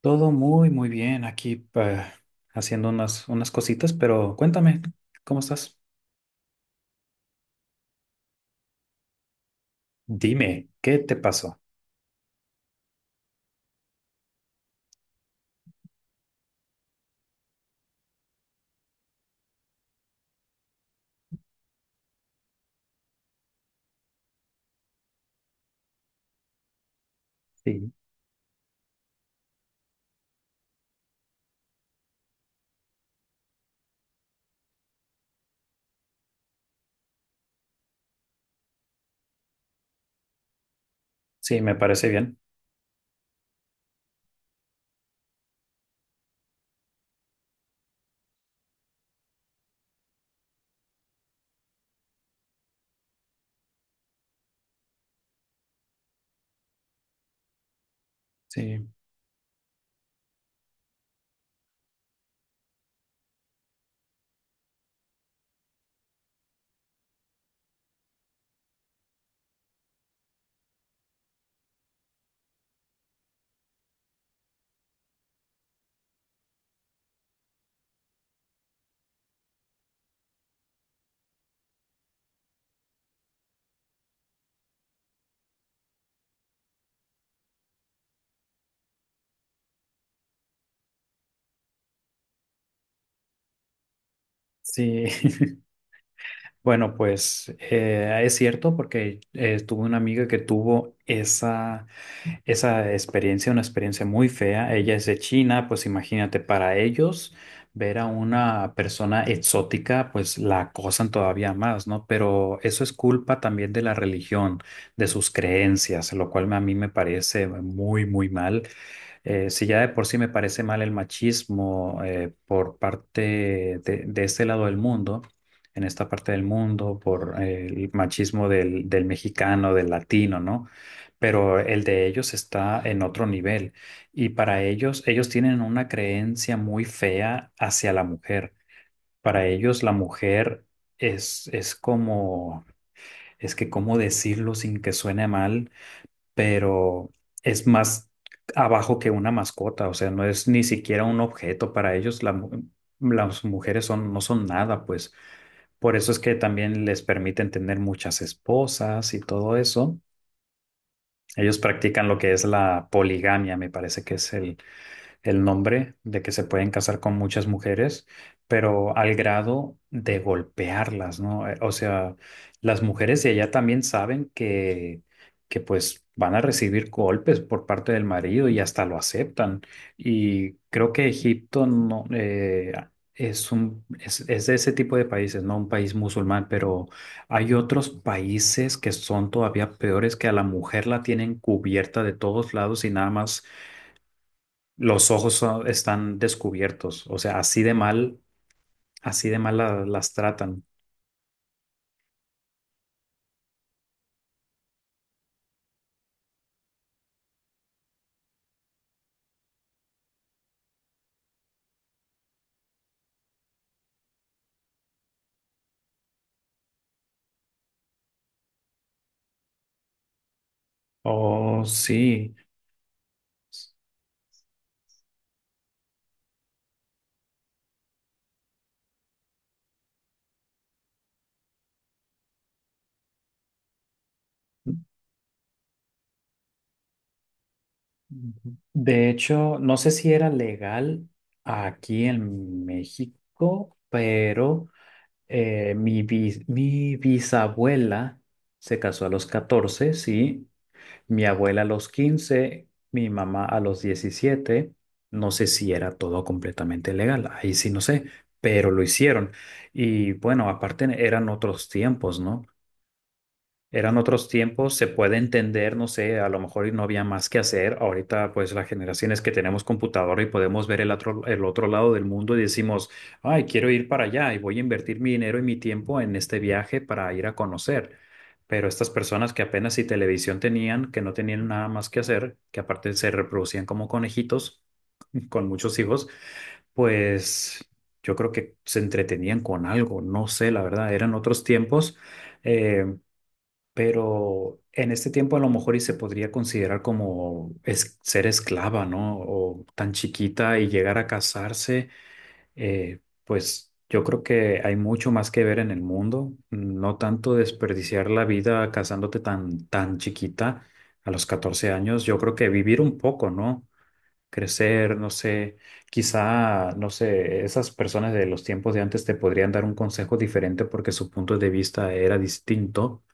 Todo muy bien aquí haciendo unas cositas, pero cuéntame, ¿cómo estás? Dime, ¿qué te pasó? Sí. Sí, me parece bien. Sí, sí. Bueno, pues es cierto porque tuve una amiga que tuvo esa experiencia, una experiencia muy fea. Ella es de China, pues imagínate, para ellos ver a una persona exótica, pues la acosan todavía más, ¿no? Pero eso es culpa también de la religión, de sus creencias, lo cual a mí me parece muy mal. Si ya de por sí me parece mal el machismo por de este lado del mundo, en esta parte del mundo, por el machismo del mexicano, del latino, ¿no? Pero el de ellos está en otro nivel y para ellos, ellos tienen una creencia muy fea hacia la mujer. Para ellos la mujer es como, es que cómo decirlo sin que suene mal pero es más abajo que una mascota, o sea, no es ni siquiera un objeto para ellos, las mujeres son, no son nada, pues por eso es que también les permiten tener muchas esposas y todo eso. Ellos practican lo que es la poligamia, me parece que es el nombre de que se pueden casar con muchas mujeres, pero al grado de golpearlas, ¿no? O sea, las mujeres de allá también saben que pues van a recibir golpes por parte del marido y hasta lo aceptan. Y creo que Egipto no, es es de ese tipo de países, no un país musulmán, pero hay otros países que son todavía peores que a la mujer la tienen cubierta de todos lados y nada más los están descubiertos, o sea, así de mal las tratan. Oh, sí. De hecho, no sé si era legal aquí en México, pero mi bisabuela se casó a los 14, sí, mi abuela a los 15, mi mamá a los 17. No sé si era todo completamente legal, ahí sí no sé, pero lo hicieron. Y bueno, aparte eran otros tiempos, ¿no? Eran otros tiempos, se puede entender, no sé, a lo mejor y no había más que hacer. Ahorita, pues, las generaciones que tenemos computadora y podemos ver el otro lado del mundo y decimos, ay, quiero ir para allá y voy a invertir mi dinero y mi tiempo en este viaje para ir a conocer. Pero estas personas que apenas si televisión tenían, que no tenían nada más que hacer, que aparte se reproducían como conejitos con muchos hijos, pues yo creo que se entretenían con algo, no sé, la verdad, eran otros tiempos. Eh, pero en este tiempo a lo mejor y se podría considerar como ser esclava, ¿no? O tan chiquita y llegar a casarse, pues yo creo que hay mucho más que ver en el mundo, no tanto desperdiciar la vida casándote tan chiquita a los 14 años, yo creo que vivir un poco, ¿no? Crecer, no sé, quizá, no sé, esas personas de los tiempos de antes te podrían dar un consejo diferente porque su punto de vista era distinto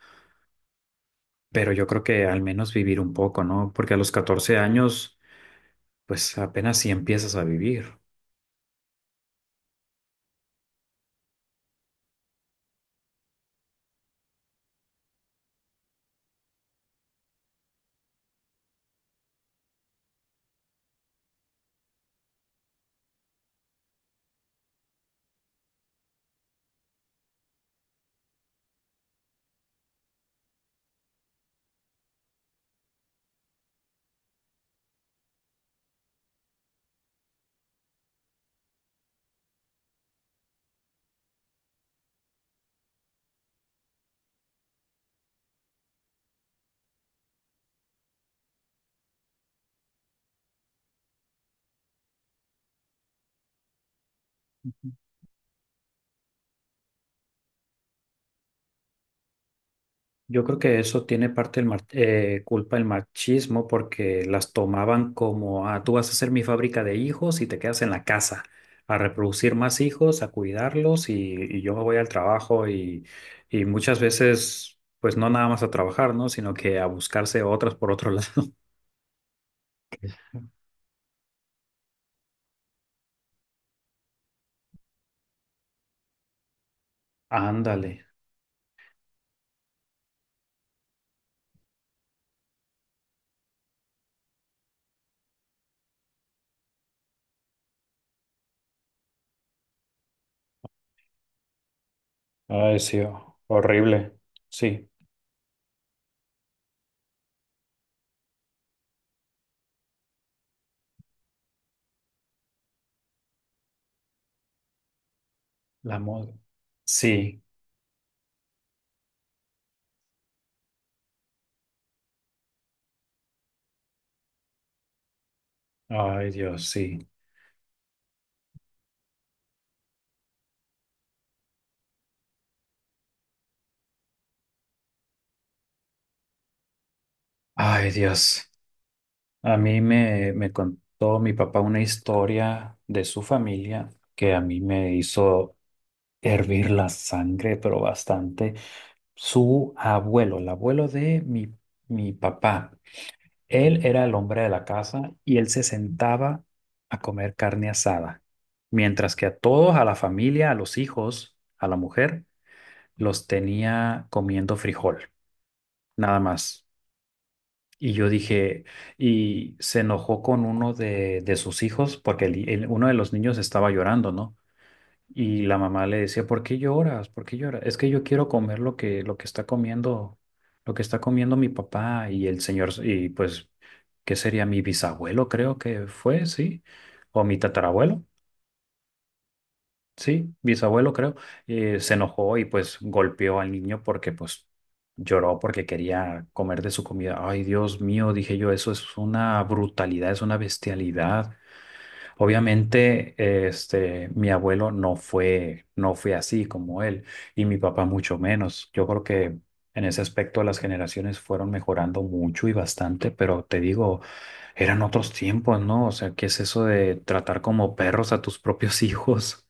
pero yo creo que al menos vivir un poco, ¿no? Porque a los 14 años, pues apenas si empiezas a vivir. Yo creo que eso tiene parte culpa el machismo porque las tomaban como, ah, tú vas a ser mi fábrica de hijos y te quedas en la casa a reproducir más hijos, a cuidarlos y yo me voy al trabajo y muchas veces, pues no nada más a trabajar, ¿no? Sino que a buscarse otras por otro lado. Ándale. Ay, sí, horrible. Sí, la moda. Sí. Ay, Dios, sí. Ay, Dios. A me contó mi papá una historia de su familia que a mí me hizo hervir la sangre, pero bastante. Su abuelo, el abuelo mi papá, él era el hombre de la casa y él se sentaba a comer carne asada, mientras que a todos, a la familia, a los hijos, a la mujer, los tenía comiendo frijol, nada más. Y yo dije, y se enojó con uno de sus hijos porque uno de los niños estaba llorando, ¿no? Y la mamá le decía, ¿por qué lloras? ¿Por qué lloras? Es que yo quiero comer lo que está comiendo, lo que está comiendo mi papá y el señor, y pues, ¿qué sería mi bisabuelo? Creo que fue, sí, o mi tatarabuelo. Sí, bisabuelo creo, se enojó y pues golpeó al niño porque pues lloró porque quería comer de su comida. Ay, Dios mío, dije yo, eso es una brutalidad, es una bestialidad. Obviamente, mi abuelo no fue así como él y mi papá mucho menos. Yo creo que en ese aspecto las generaciones fueron mejorando mucho y bastante, pero te digo, eran otros tiempos, ¿no? O sea, ¿qué es eso de tratar como perros a tus propios hijos?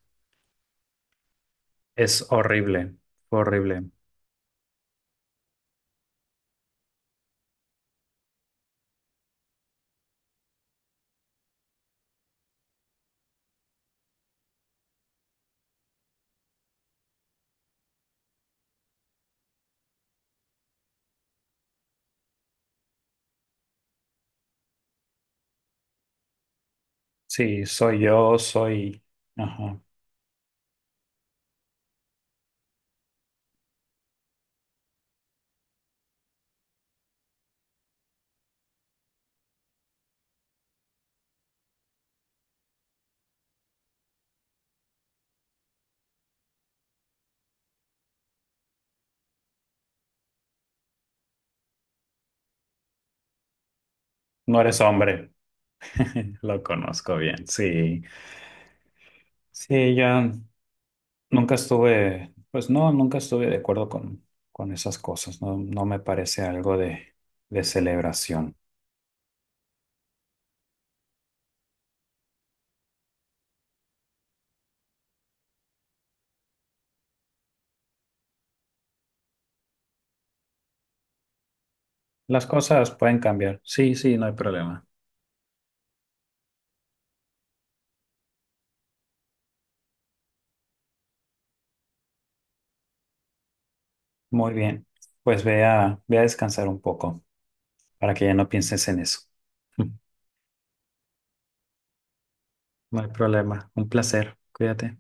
Es horrible, horrible. Sí, soy yo, soy... Ajá. No eres hombre. Lo conozco bien, sí. Sí, ya nunca estuve, pues no, nunca estuve de acuerdo con esas cosas. No, no me parece algo de celebración. Las cosas pueden cambiar. Sí, sí, no hay problema. Muy bien. Pues ve ve a descansar un poco para que ya no pienses en eso. No hay problema. Un placer. Cuídate.